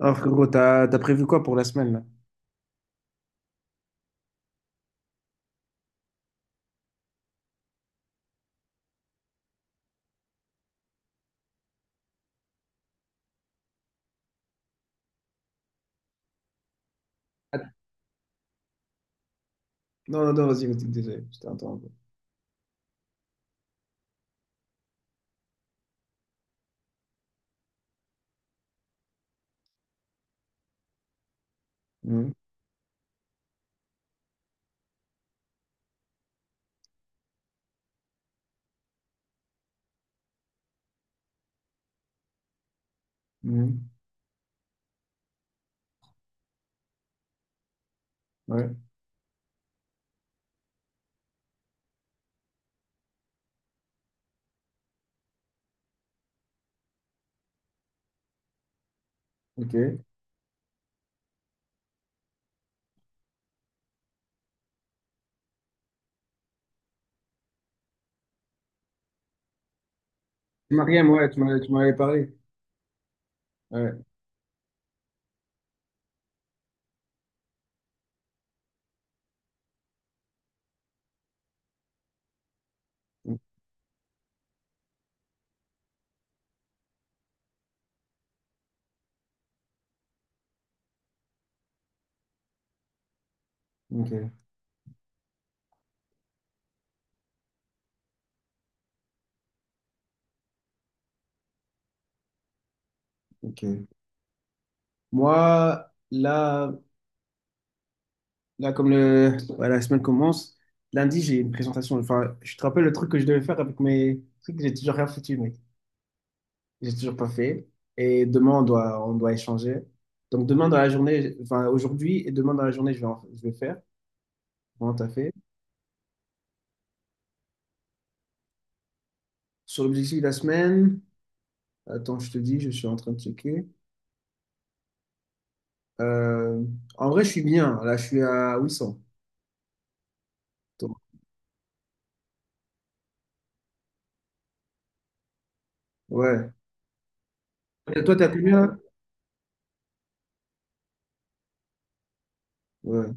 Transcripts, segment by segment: Alors, gros, t'as prévu quoi pour la semaine, là? Ah, non, non, non, vas-y, vas-y, désolé, je t'ai interrompu. Mhm, mhm, ouais, ok. Mariam, ouais, tu m'en avais parlé. Ouais, o- ok, ok. Moi, là, là comme le, ouais, la semaine commence, lundi, j'ai une présentation. Enfin, je te rappelle le truc que je devais faire avec mes trucs, j'ai toujours rien foutu, mec. J'ai toujours pas fait. Et demain, on doit échanger. Donc, demain dans la journée, enfin, aujourd'hui et demain dans la journée, je vais faire. Vraiment, t'as fait. Sur l'objectif de la semaine. Attends, je te dis, je suis en train de checker. Euh, en vrai, je suis bien. Là, je suis à 800. Toi, ouais. Et toi, t'as combien? Ouais,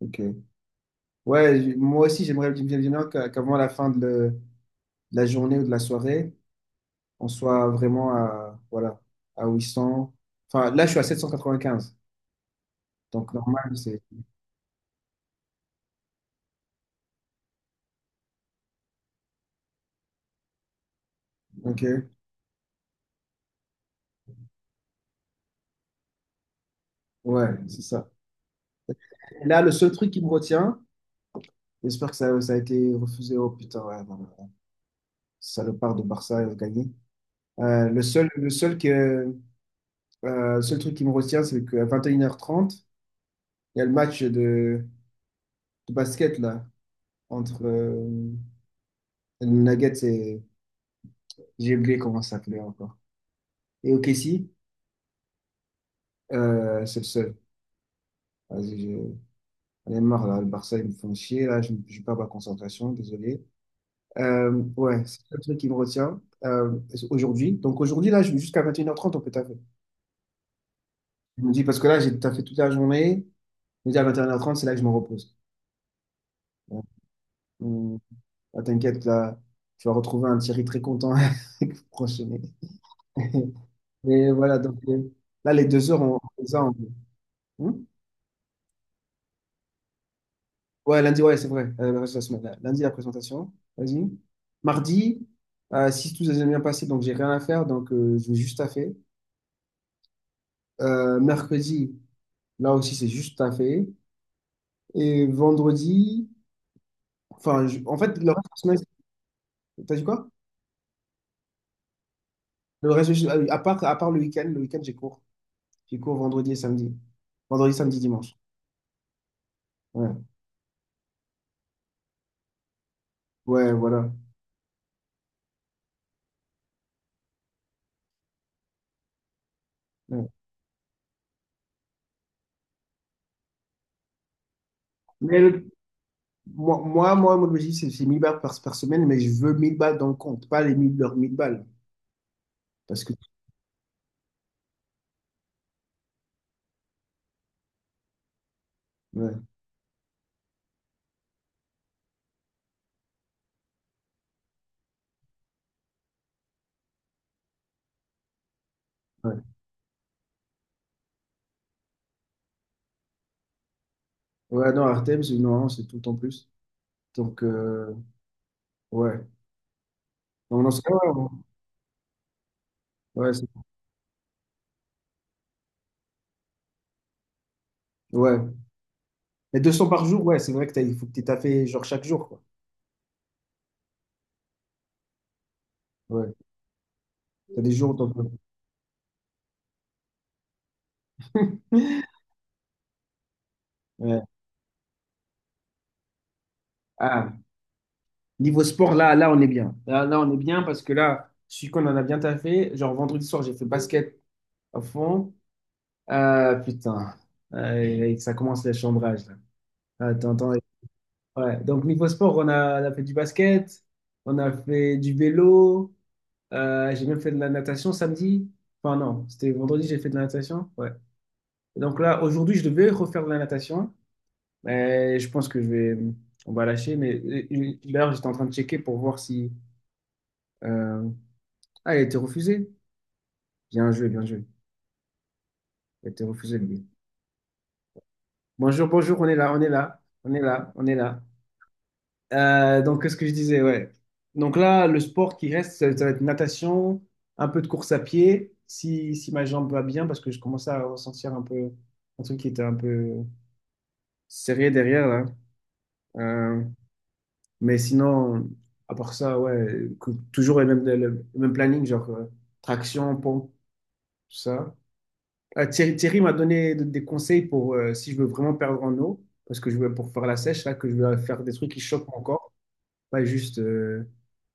ok. Ouais, moi aussi, j'aimerais bien bien qu'avant la fin de, de la journée ou de la soirée, on soit vraiment à, voilà, à 800. Enfin, là, je suis à 795. Donc, normal, c'est. Ok, ouais, c'est ça. Là, le seul truc qui me retient, j'espère que ça a été refusé. Oh putain, ouais, non, non, non. Salopard de Barça a gagné. Le seul que, le seul truc qui me retient, c'est qu'à 21h30, il y a le match de basket là, entre les Nuggets et. J'ai oublié comment ça s'appelait encore. Et OKC, c'est le seul. Vas-y, j'en ai marre là, le Barça, ils me font chier là, je perds ma concentration, désolé. Euh, ouais, c'est le seul truc qui me retient aujourd'hui. Donc aujourd'hui, là, jusqu'à 21h30, on peut taffer. Je me dis, parce que là, j'ai taffé toute la journée, je me dis à 21h30, c'est là que je me repose. Ouais. Mm. Ah, t'inquiète, là, tu vas retrouver un Thierry très content avec vous prochainer. Mais voilà, donc là, les 2 heures, on les a. Hmm. Ouais, lundi, ouais, c'est vrai. Le reste de la semaine. Là. Lundi, la présentation. Vas-y. Mardi, si tout s'est bien passé, donc j'ai rien à faire, donc je vais juste taffer. Mercredi, là aussi, c'est juste taffer. Et vendredi, enfin, en fait, le reste de la semaine, t'as dit quoi? Le reste, ah oui, à part le week-end, j'ai cours. J'ai cours vendredi et samedi. Vendredi, samedi, dimanche. Ouais. Ouais, voilà. Ouais. Mais moi, mon objectif, c'est 1000 balles par semaine, mais je veux 1000 balles dans le compte, pas les 1000 leurs 1000 balles. Parce que, ouais, ouais. Ouais, non, Artem, c'est non, c'est tout en plus. Donc, ouais. Non, non, ouais, ouais, ouais, ouais. Mais 200 par jour, ouais, c'est vrai que t'as, il faut que tu t'as fait genre, chaque jour, quoi. Ouais. T'as des jours, t'en. Ouais. Ah, niveau sport, là, là, on est bien. Là, là, on est bien parce que là, je suis qu'on en a bien taffé. Genre, vendredi soir, j'ai fait basket à fond. Ah putain, ah, et ça commence les chambrages là. Attends, attends. Ouais. Donc niveau sport, on a fait du basket, on a fait du vélo, j'ai même fait de la natation samedi. Enfin non, c'était vendredi, j'ai fait de la natation. Ouais. Et donc là, aujourd'hui, je devais refaire de la natation, mais je pense que je vais, on va lâcher. Mais d'ailleurs, j'étais en train de checker pour voir si, euh, ah, elle a été refusée. Bien joué, bien joué. Elle a été refusée. Lui. Bonjour, bonjour, on est là, on est là, on est là, on est là. Donc, qu'est-ce que je disais, ouais. Donc là, le sport qui reste, ça va être natation, un peu de course à pied, si ma jambe va bien, parce que je commençais à ressentir un peu un truc qui était un peu serré derrière, là. Euh, mais sinon, à part ça, ouais, toujours le même planning, genre traction, pompe, tout ça. Thierry m'a donné des conseils pour si je veux vraiment perdre en eau, parce que je veux pour faire la sèche, là, que je veux faire des trucs qui choquent encore pas juste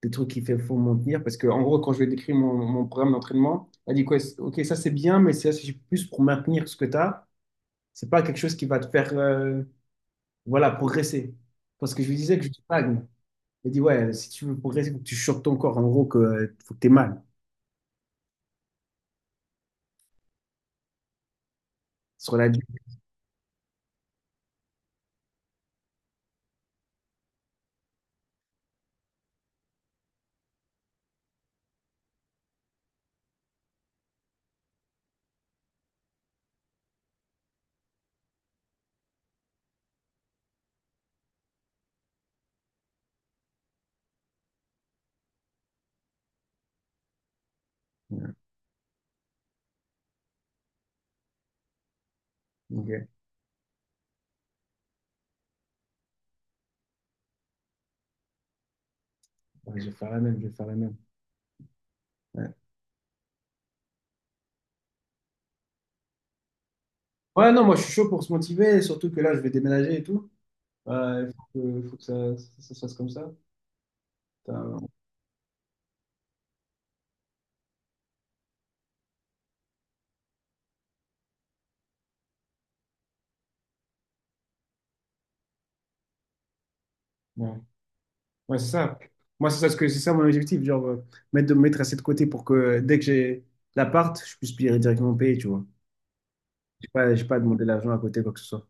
des trucs qui font mentir. Parce que, en gros, quand je vais décrire mon programme d'entraînement, elle dit quoi? Ok, ça c'est bien, mais c'est plus pour maintenir ce que tu as. C'est pas quelque chose qui va te faire voilà, progresser. Parce que je lui disais que je stagne. Elle dit, ouais, si tu veux progresser, faut que tu chopes ton corps. En gros, que, faut que tu aies mal sur la durée. Ouais, ok. Ouais, je vais faire la même, je vais faire la même. Ouais. Ouais, non, moi je suis chaud pour se motiver, surtout que là je vais déménager et tout. Il faut que, ça, ça se fasse comme ça. Putain, ouais. Ouais, c'est ça. Moi, c'est ça, ce que c'est ça mon objectif, genre mettre de me mettre assez de côté pour que dès que j'ai l'appart, je puisse payer directement payer, tu vois. J'ai pas demandé l'argent à côté, quoi que ce soit.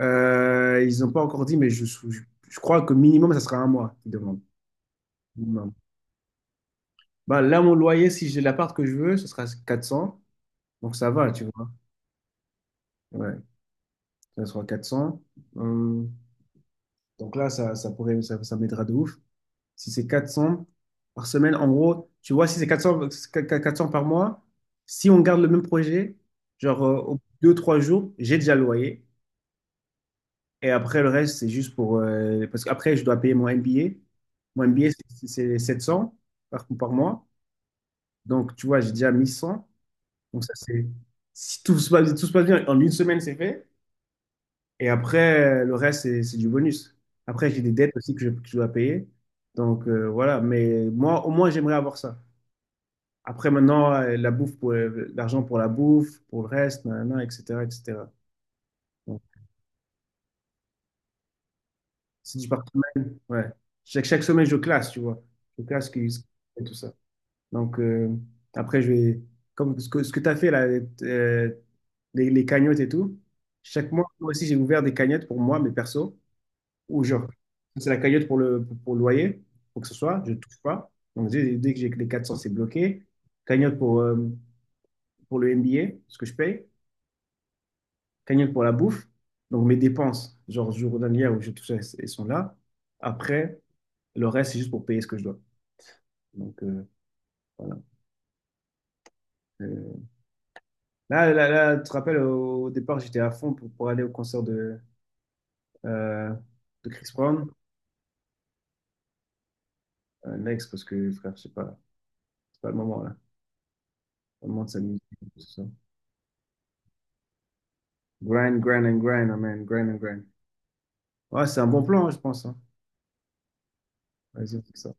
Ils n'ont pas encore dit, mais je crois que minimum, ça sera un mois qu'ils demandent. Minimum. Bah, là, mon loyer, si j'ai l'appart que je veux, ce sera 400. Donc, ça va, tu vois. Ouais, ça sera 400. Hum, donc là, ça pourrait, ça m'aidera de ouf. Si c'est 400 par semaine, en gros, tu vois, si c'est quatre cents par mois, si on garde le même projet, genre au bout de deux, trois jours, j'ai déjà le loyer. Et après, le reste, c'est juste pour, parce qu'après, je dois payer mon MBA. Mon MBA, c'est 700 par mois. Donc, tu vois, j'ai déjà 1 100. Donc, ça, c'est. Si tout se passe bien, en une semaine, c'est fait. Et après, le reste, c'est du bonus. Après, j'ai des dettes aussi que je dois payer. Donc, voilà. Mais moi, au moins, j'aimerais avoir ça. Après, maintenant, la bouffe pour l'argent pour la bouffe, pour le reste, nanana, etc., etc. Donc, si je pars semaine, ouais. Chaque semaine, je classe, tu vois. Je classe et tout ça. Donc, après, je vais. Comme ce que tu as fait, là, euh, les cagnottes et tout, chaque mois, moi aussi, j'ai ouvert des cagnottes pour moi, mes persos, ou genre, c'est la cagnotte pour le loyer, pour que ce soit, je ne touche pas. Donc, dès que j'ai que les 400 c'est bloqué. Cagnotte pour le MBA, ce que je paye. Cagnotte pour la bouffe. Donc mes dépenses, genre journalières où je touche, elles sont là. Après, le reste, c'est juste pour payer ce que je dois. Donc voilà. Euh, là, là, là, tu te rappelles, au départ, j'étais à fond pour aller au concert de, euh, de Chris Brown. Next, parce que frère, je sais pas, c'est pas le moment là. C'est pas le moment de s'amuser. Tout ça. Grind, grind and grind, amen, grind and grind. Ouais, c'est un bon plan, hein, je pense, hein. Vas-y, on fait ça.